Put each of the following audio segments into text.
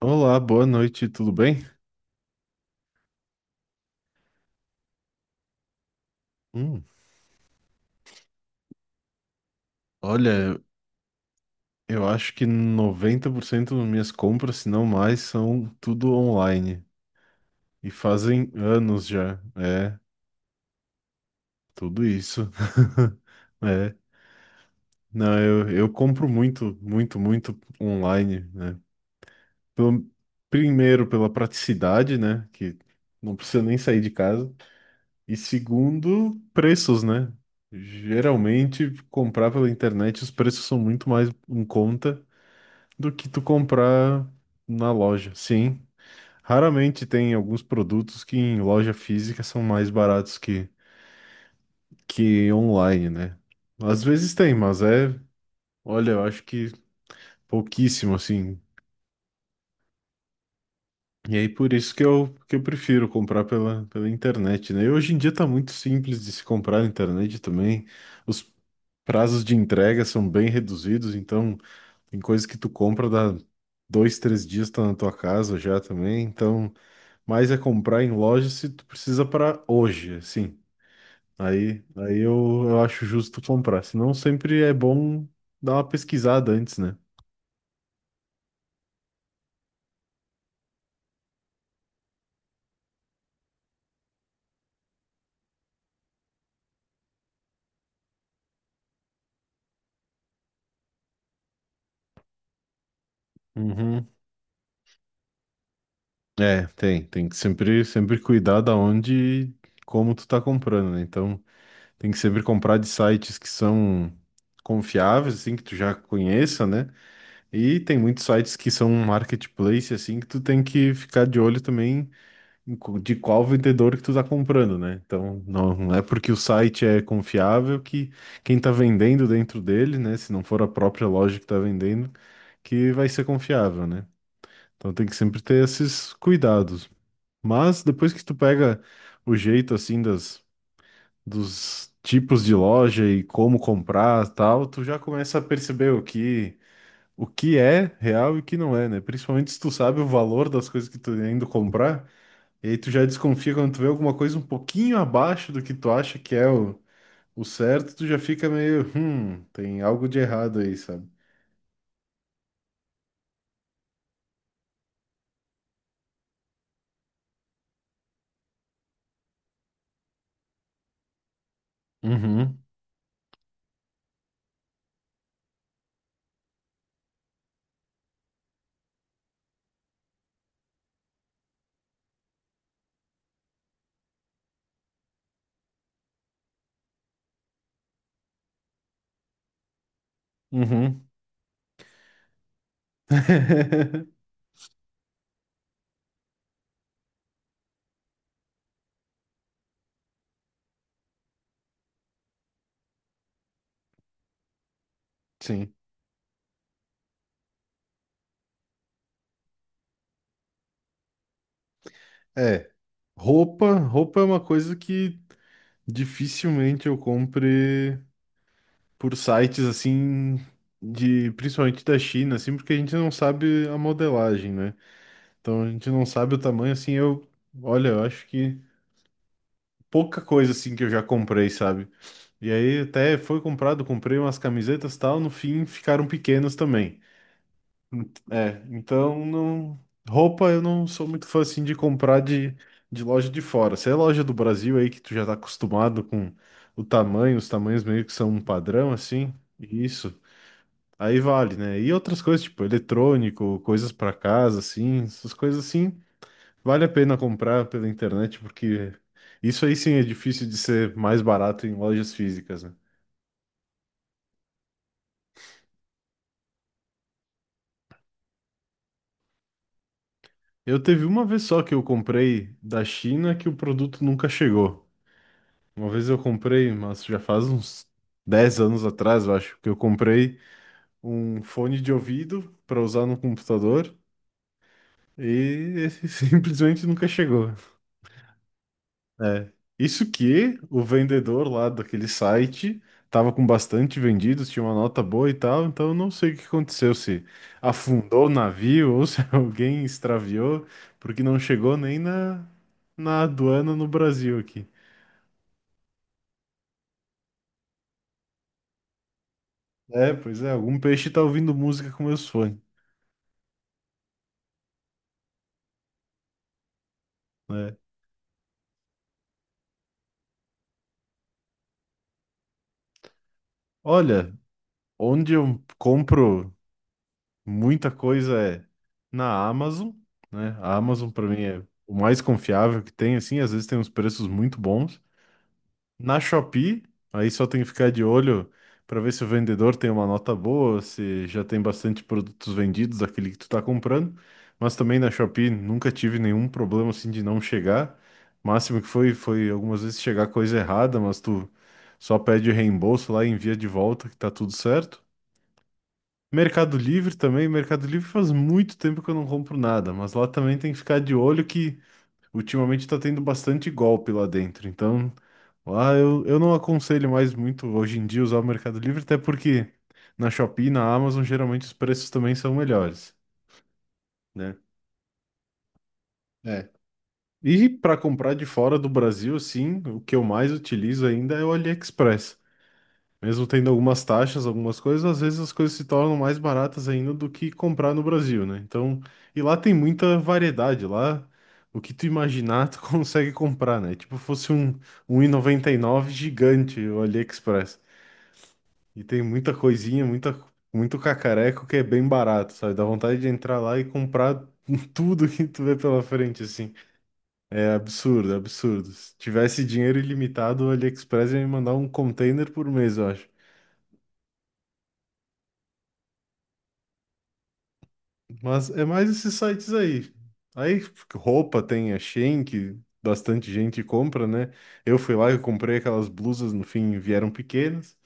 Olá, boa noite, tudo bem? Hum, olha, eu acho que 90% das minhas compras, se não mais, são tudo online. E fazem anos já. É, tudo isso. É, não, eu compro muito, muito, muito online, né? Pelo- primeiro, pela praticidade, né? Que não precisa nem sair de casa. E segundo, preços, né? Geralmente, comprar pela internet, os preços são muito mais em conta do que tu comprar na loja. Sim, raramente tem alguns produtos que em loja física são mais baratos que online, né? Às vezes tem, mas é, olha, eu acho que pouquíssimo, assim. E aí por isso que eu prefiro comprar pela, pela internet, né? E hoje em dia tá muito simples de se comprar na internet também. Os prazos de entrega são bem reduzidos, então tem coisas que tu compra da dois, três dias tá na tua casa já também, então mas é comprar em loja se tu precisa para hoje, assim. Aí, aí eu acho justo comprar. Senão sempre é bom dar uma pesquisada antes, né? Uhum. É, tem, tem que sempre, sempre cuidar da onde e como tu tá comprando, né? Então, tem que sempre comprar de sites que são confiáveis, assim, que tu já conheça, né? E tem muitos sites que são um marketplace, assim, que tu tem que ficar de olho também de qual vendedor que tu tá comprando, né? Então, não, não é porque o site é confiável que quem tá vendendo dentro dele, né? Se não for a própria loja que tá vendendo, que vai ser confiável, né? Então tem que sempre ter esses cuidados. Mas depois que tu pega o jeito, assim, das, dos tipos de loja e como comprar tal, tu já começa a perceber o que... O que é real e o que não é, né? Principalmente se tu sabe o valor das coisas que tu tá indo comprar, e aí tu já desconfia quando tu vê alguma coisa um pouquinho abaixo do que tu acha que é o certo, tu já fica meio, tem algo de errado aí, sabe? Uhum, uhum. Sim. É. Roupa, roupa é uma coisa que dificilmente eu compre por sites assim de, principalmente da China, assim, porque a gente não sabe a modelagem, né? Então a gente não sabe o tamanho, assim, eu, olha, eu acho que pouca coisa assim que eu já comprei, sabe? E aí até foi comprado, comprei umas camisetas e tal, no fim ficaram pequenos também. É, então não... roupa eu não sou muito fã assim de comprar de loja de fora. Se é loja do Brasil aí que tu já tá acostumado com o tamanho, os tamanhos meio que são um padrão assim, isso. Aí vale, né? E outras coisas tipo eletrônico, coisas pra casa assim, essas coisas assim, vale a pena comprar pela internet porque isso aí sim é difícil de ser mais barato em lojas físicas, né? Eu teve uma vez só que eu comprei da China que o produto nunca chegou. Uma vez eu comprei, mas já faz uns 10 anos atrás, eu acho, que eu comprei um fone de ouvido para usar no computador e simplesmente nunca chegou. É. Isso que o vendedor lá daquele site tava com bastante vendidos, tinha uma nota boa e tal, então eu não sei o que aconteceu, se afundou o navio ou se alguém extraviou, porque não chegou nem na, na aduana no Brasil aqui. É, pois é, algum peixe tá ouvindo música com meus fones, né? Olha, onde eu compro muita coisa é na Amazon, né? A Amazon para mim é o mais confiável que tem, assim, às vezes tem uns preços muito bons. Na Shopee, aí só tem que ficar de olho para ver se o vendedor tem uma nota boa, se já tem bastante produtos vendidos aquele que tu tá comprando. Mas também na Shopee nunca tive nenhum problema assim de não chegar. Máximo que foi, foi algumas vezes chegar coisa errada, mas tu só pede reembolso lá e envia de volta que tá tudo certo. Mercado Livre também, Mercado Livre faz muito tempo que eu não compro nada, mas lá também tem que ficar de olho que ultimamente tá tendo bastante golpe lá dentro, então lá eu não aconselho mais muito hoje em dia usar o Mercado Livre, até porque na Shopee e na Amazon geralmente os preços também são melhores, né? É. E para comprar de fora do Brasil, sim, o que eu mais utilizo ainda é o AliExpress. Mesmo tendo algumas taxas, algumas coisas, às vezes as coisas se tornam mais baratas ainda do que comprar no Brasil, né? Então, e lá tem muita variedade, lá o que tu imaginar tu consegue comprar, né? Tipo, fosse um, 1,99 gigante o AliExpress. E tem muita coisinha, muita, muito cacareco que é bem barato, sabe? Dá vontade de entrar lá e comprar tudo que tu vê pela frente, assim. É absurdo, absurdo. Se tivesse dinheiro ilimitado, o AliExpress ia me mandar um container por mês, eu acho. Mas é mais esses sites aí. Aí roupa tem a Shein, que bastante gente compra, né? Eu fui lá e comprei aquelas blusas, no fim vieram pequenas.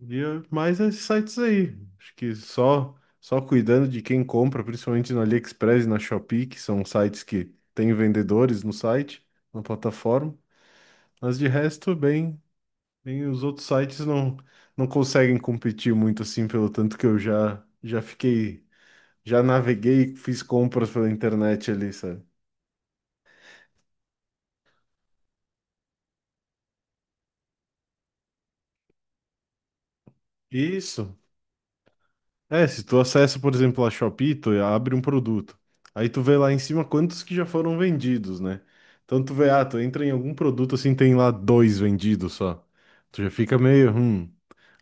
Mais esses sites aí. Acho que só cuidando de quem compra, principalmente no AliExpress e na Shopee, que são sites que têm vendedores no site, na plataforma. Mas de resto, bem, bem os outros sites não conseguem competir muito assim, pelo tanto que eu já fiquei já naveguei, fiz compras pela internet ali, sabe? Isso. É, se tu acessa, por exemplo, a Shopee, tu abre um produto. Aí tu vê lá em cima quantos que já foram vendidos, né? Então tu vê, ah, tu entra em algum produto assim, tem lá dois vendidos só. Tu já fica meio.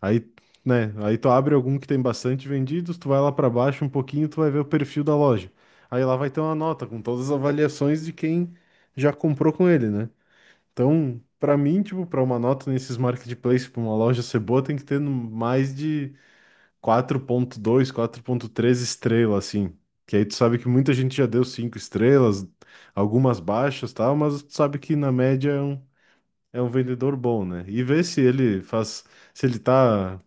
Aí, né? Aí tu abre algum que tem bastante vendidos, tu vai lá pra baixo um pouquinho, tu vai ver o perfil da loja. Aí lá vai ter uma nota com todas as avaliações de quem já comprou com ele, né? Então, pra mim, tipo, pra uma nota nesses marketplaces, pra uma loja ser boa, tem que ter mais de 4.2, 4.3 estrelas, assim. Que aí tu sabe que muita gente já deu 5 estrelas, algumas baixas, tal, mas tu sabe que na média é é um vendedor bom, né? E ver se ele faz, se ele tá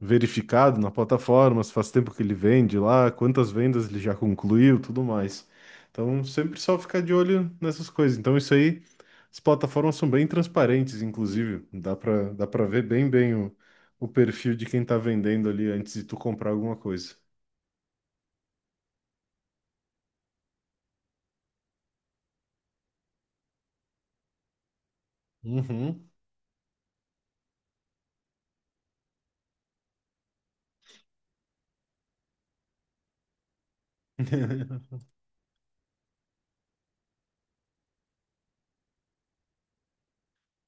verificado na plataforma, se faz tempo que ele vende lá, quantas vendas ele já concluiu, tudo mais. Então, sempre só ficar de olho nessas coisas. Então, isso aí, as plataformas são bem transparentes, inclusive, dá para ver bem bem o perfil de quem tá vendendo ali antes de tu comprar alguma coisa. Uhum.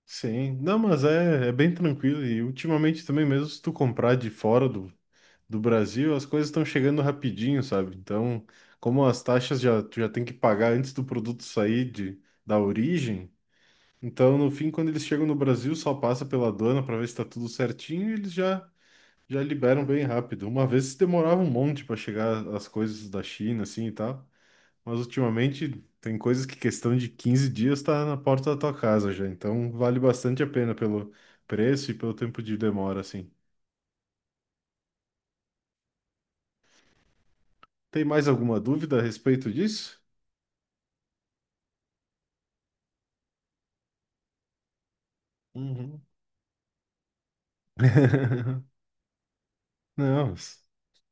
Sim, não, mas é, é bem tranquilo e ultimamente também mesmo se tu comprar de fora do, do Brasil, as coisas estão chegando rapidinho, sabe? Então, como as taxas já, tu já tem que pagar antes do produto sair de, da origem, então, no fim, quando eles chegam no Brasil, só passa pela aduana para ver se está tudo certinho e eles já, já liberam bem rápido. Uma vez demorava um monte para chegar as coisas da China, assim e tal, mas ultimamente tem coisas que questão de 15 dias está na porta da tua casa já, então vale bastante a pena pelo preço e pelo tempo de demora, assim. Tem mais alguma dúvida a respeito disso? Uhum. Não, s-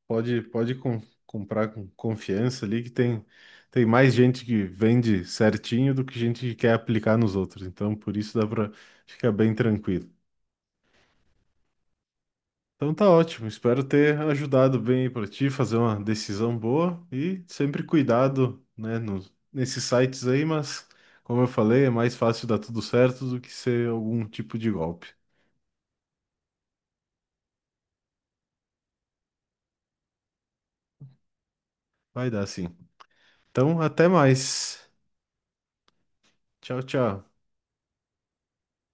pode, comprar com confiança ali que tem, tem mais gente que vende certinho do que gente que quer aplicar nos outros. Então, por isso dá para ficar bem tranquilo. Então tá ótimo, espero ter ajudado bem para ti fazer uma decisão boa e sempre cuidado, né, nos, nesses sites aí, mas como eu falei, é mais fácil dar tudo certo do que ser algum tipo de golpe. Vai dar sim. Então, até mais. Tchau, tchau.